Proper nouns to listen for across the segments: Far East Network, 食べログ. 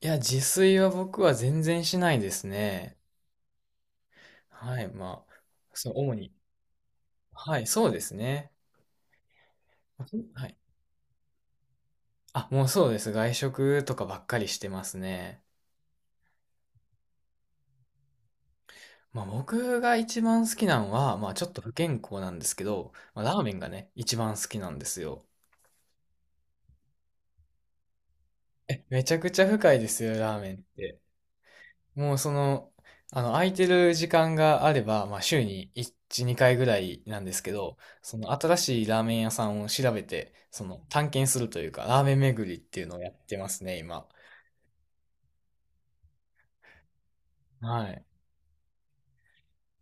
いや、自炊は僕は全然しないですね。はい、まあ、そう、主に。はい、そうですね。はい。あ、もうそうです。外食とかばっかりしてますね。まあ僕が一番好きなのは、まあちょっと不健康なんですけど、まあ、ラーメンがね、一番好きなんですよ。え、めちゃくちゃ深いですよ、ラーメンって。もうその、あの、空いてる時間があれば、まあ、週に1、2回ぐらいなんですけど、その新しいラーメン屋さんを調べて、その探検するというか、ラーメン巡りっていうのをやってますね、今。はい。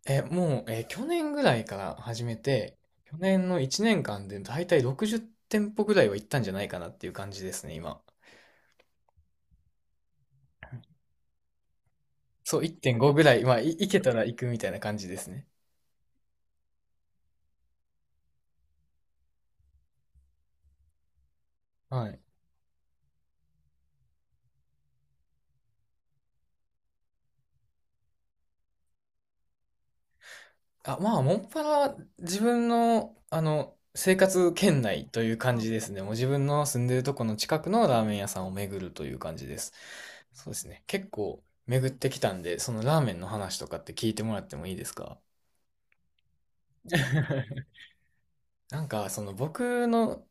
え、もう、え、去年ぐらいから始めて、去年の1年間でだいたい60店舗ぐらいは行ったんじゃないかなっていう感じですね、今。そう、1.5ぐらい、まあ、行けたら行くみたいな感じですね。はい。あ、まあ、もっぱら自分の、生活圏内という感じですね。もう自分の住んでるとこの近くのラーメン屋さんを巡るという感じです。そうですね。結構巡ってきたんで、そのラーメンの話とかって聞いてもらってもいいですか？ なんか、その僕の、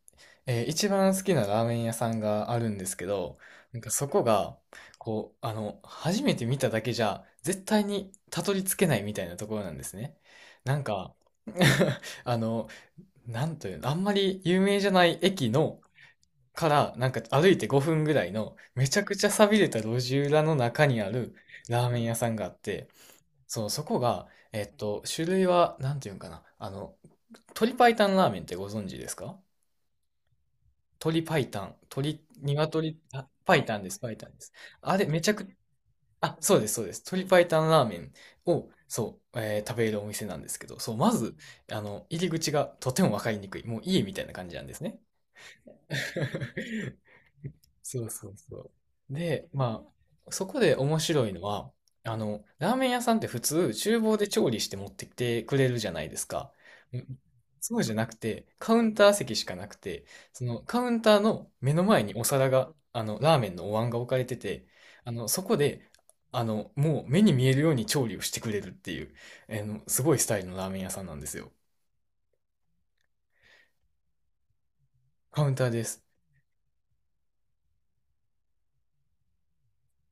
一番好きなラーメン屋さんがあるんですけど、なんかそこが、こう、初めて見ただけじゃ、絶対にたどり着けないみたいなところなんですね。なんか、あの、なんというの、あんまり有名じゃない駅の、から、なんか歩いて5分ぐらいの、めちゃくちゃ寂れた路地裏の中にあるラーメン屋さんがあって、そう、そこが、えっと、種類は、なんていうんかな、鶏白湯ラーメンってご存知ですか？鶏白湯、鶏、鶏、あ、白湯です、白湯です。あれ、めちゃく、あ、そうです、そうです。鶏白湯ラーメンを、そう、食べるお店なんですけど、そう、まず、入り口がとてもわかりにくい。もう家みたいな感じなんですね。そうそうそう。で、まあ、そこで面白いのは、ラーメン屋さんって普通、厨房で調理して持ってきてくれるじゃないですか。うん、そうじゃなくて、カウンター席しかなくて、そのカウンターの目の前にお皿が、ラーメンのお椀が置かれてて、そこで、もう目に見えるように調理をしてくれるっていう、すごいスタイルのラーメン屋さんなんですよ。カウンターです。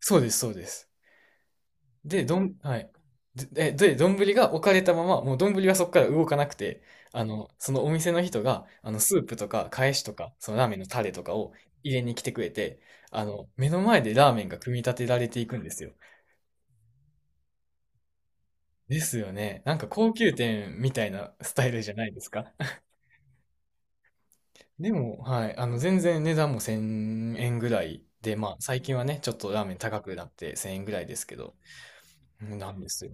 そうです、そうです。で、どん、はい。で、丼が置かれたまま、もう丼はそこから動かなくて、そのお店の人が、スープとか、かえしとか、そのラーメンのタレとかを入れに来てくれて、目の前でラーメンが組み立てられていくんですよ。ですよね。なんか高級店みたいなスタイルじゃないですか。でも、はい、全然値段も1000円ぐらいで、まあ、最近はね、ちょっとラーメン高くなって1000円ぐらいですけど、うんなんですよ。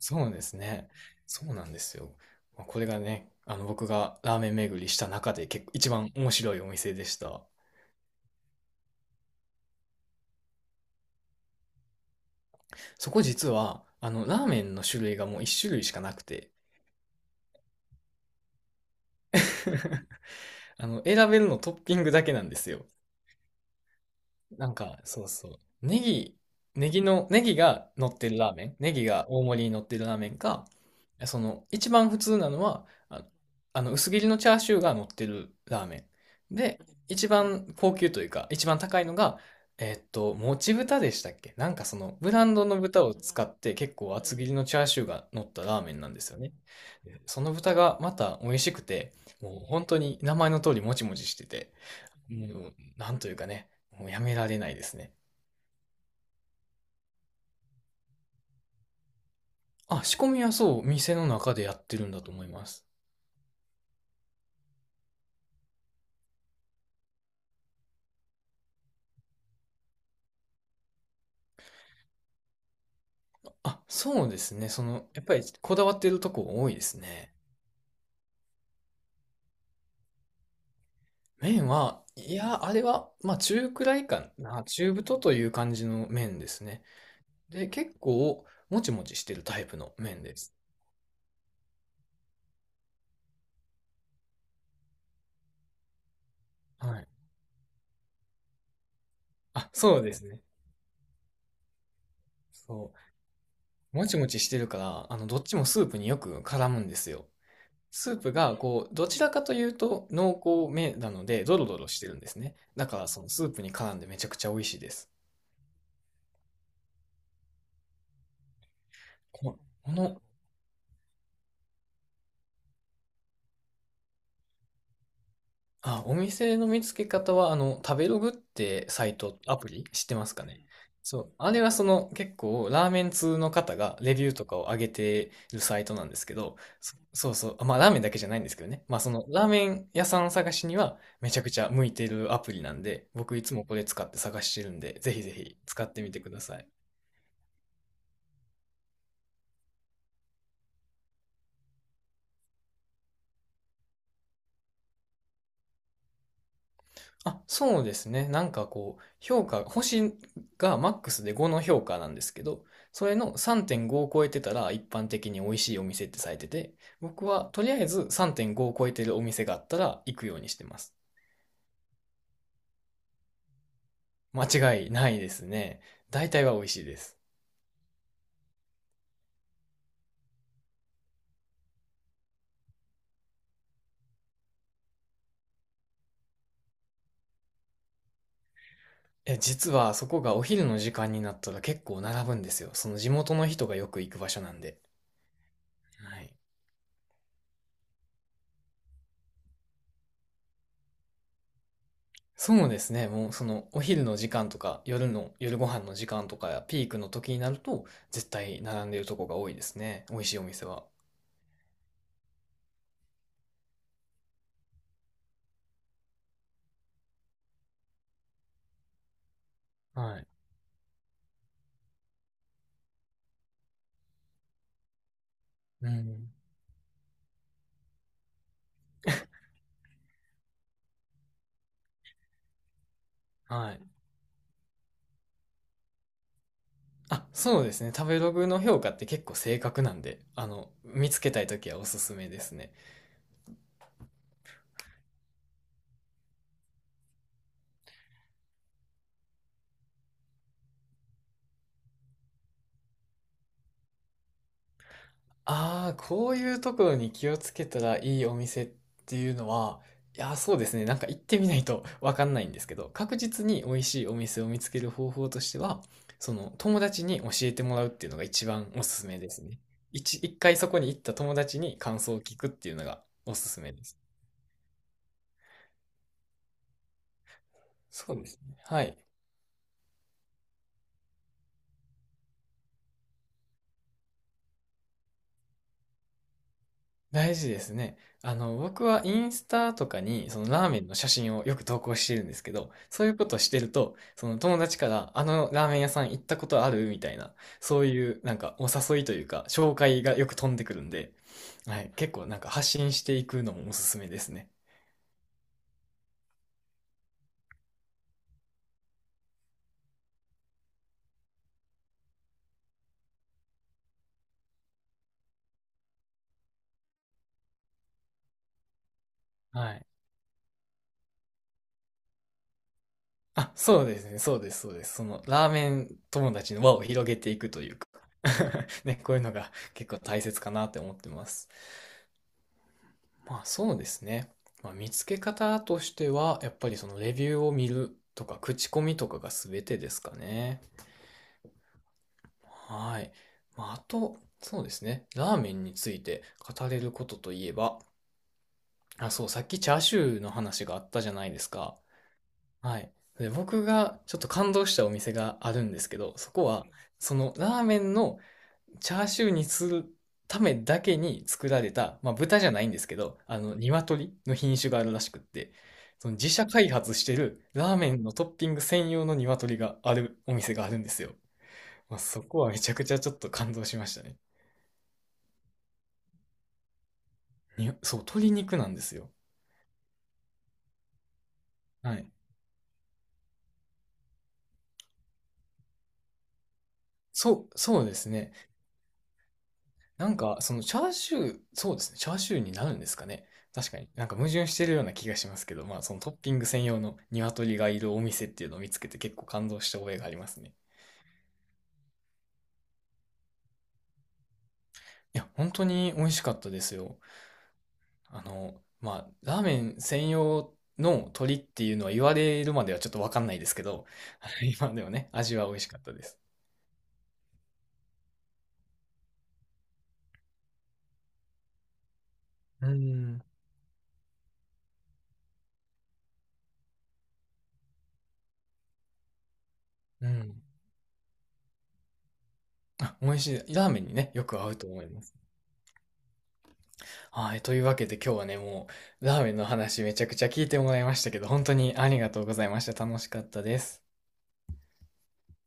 そうですね。そうなんですよ。まあこれがね、あの僕がラーメン巡りした中で結構一番面白いお店でした。そこ実は、あのラーメンの種類がもう一種類しかなくて、あの選べるのトッピングだけなんですよ。なんか、そうそう。ネギ、ネギが乗ってるラーメン、ネギが大盛りに乗ってるラーメンか、その、一番普通なのは、薄切りのチャーシューが乗ってるラーメン。で、一番高級というか、一番高いのが、えっと、もち豚でしたっけ、なんかその、ブランドの豚を使って結構厚切りのチャーシューが乗ったラーメンなんですよね。でその豚がまた美味しくて、もう本当に名前の通りもちもちしてて、もう、なんというかね、もうやめられないですね。あ、仕込みはそう、店の中でやってるんだと思います。あ、そうですね。その、やっぱりこだわってるとこ多いですね。麺は、いや、あれは、まあ中くらいかな。中太という感じの麺ですね。で、結構、もちもちしてるタイプの麺です。はい。あ、そうですね。そう。もちもちしてるから、どっちもスープによく絡むんですよ。スープが、こう、どちらかというと濃厚めなので、ドロドロしてるんですね。だから、そのスープに絡んでめちゃくちゃ美味しいです。ここの、あ、お店の見つけ方は、食べログってサイト、アプリ知ってますかね？そう。あれはその結構ラーメン通の方がレビューとかを上げてるサイトなんですけど、そうそう。あまあラーメンだけじゃないんですけどね。まあそのラーメン屋さん探しにはめちゃくちゃ向いてるアプリなんで、僕いつもこれ使って探してるんで、ぜひぜひ使ってみてください。あ、そうですね。なんかこう、評価、星がマックスで5の評価なんですけど、それの3.5を超えてたら一般的に美味しいお店ってされてて、僕はとりあえず3.5を超えてるお店があったら行くようにしてます。間違いないですね。大体は美味しいです。え、実はそこがお昼の時間になったら結構並ぶんですよ。その地元の人がよく行く場所なんで。はい。そうですね。もうそのお昼の時間とか夜の夜ご飯の時間とかピークの時になると絶対並んでるとこが多いですね。美味しいお店は。はい。うん。はい。あ、そうですね。食べログの評価って結構正確なんで、見つけたい時はおすすめですね。ああ、こういうところに気をつけたらいいお店っていうのは、いやー、そうですね。なんか行ってみないと わかんないんですけど、確実に美味しいお店を見つける方法としては、その友達に教えてもらうっていうのが一番おすすめですね。一回そこに行った友達に感想を聞くっていうのがおすすめです。そうですね。はい。大事ですね。あの、僕はインスタとかに、そのラーメンの写真をよく投稿してるんですけど、そういうことをしてると、その友達から、あのラーメン屋さん行ったことあるみたいな、そういう、なんか、お誘いというか、紹介がよく飛んでくるんで、はい、結構なんか発信していくのもおすすめですね。はい。あ、そうですね、そうです、そうです。その、ラーメン友達の輪を広げていくというか、ね、こういうのが結構大切かなって思ってます。まあそうですね。まあ、見つけ方としては、やっぱりそのレビューを見るとか、口コミとかが全てですかね。はい。まあ、あと、そうですね。ラーメンについて語れることといえば、あ、そう、さっきチャーシューの話があったじゃないですか。はい。で、僕がちょっと感動したお店があるんですけど、そこは、そのラーメンのチャーシューにするためだけに作られた、まあ、豚じゃないんですけど、鶏の品種があるらしくって、その自社開発してるラーメンのトッピング専用の鶏があるお店があるんですよ。まあ、そこはめちゃくちゃちょっと感動しましたね。にそう、鶏肉なんですよ。はい。そう、そうですね。なんか、そのチャーシュー、そうですね。チャーシューになるんですかね。確かになんか矛盾してるような気がしますけど、まあそのトッピング専用の鶏がいるお店っていうのを見つけて結構感動した覚えがありますね。いや、本当に美味しかったですよ。まあ、ラーメン専用の鳥っていうのは言われるまではちょっとわかんないですけど、今でもね、味は美味しかったです。うん、うん。あ、美味しい。ラーメンにね、よく合うと思います。はい、というわけで今日はね、もう、ラーメンの話めちゃくちゃ聞いてもらいましたけど、本当にありがとうございました。楽しかったです。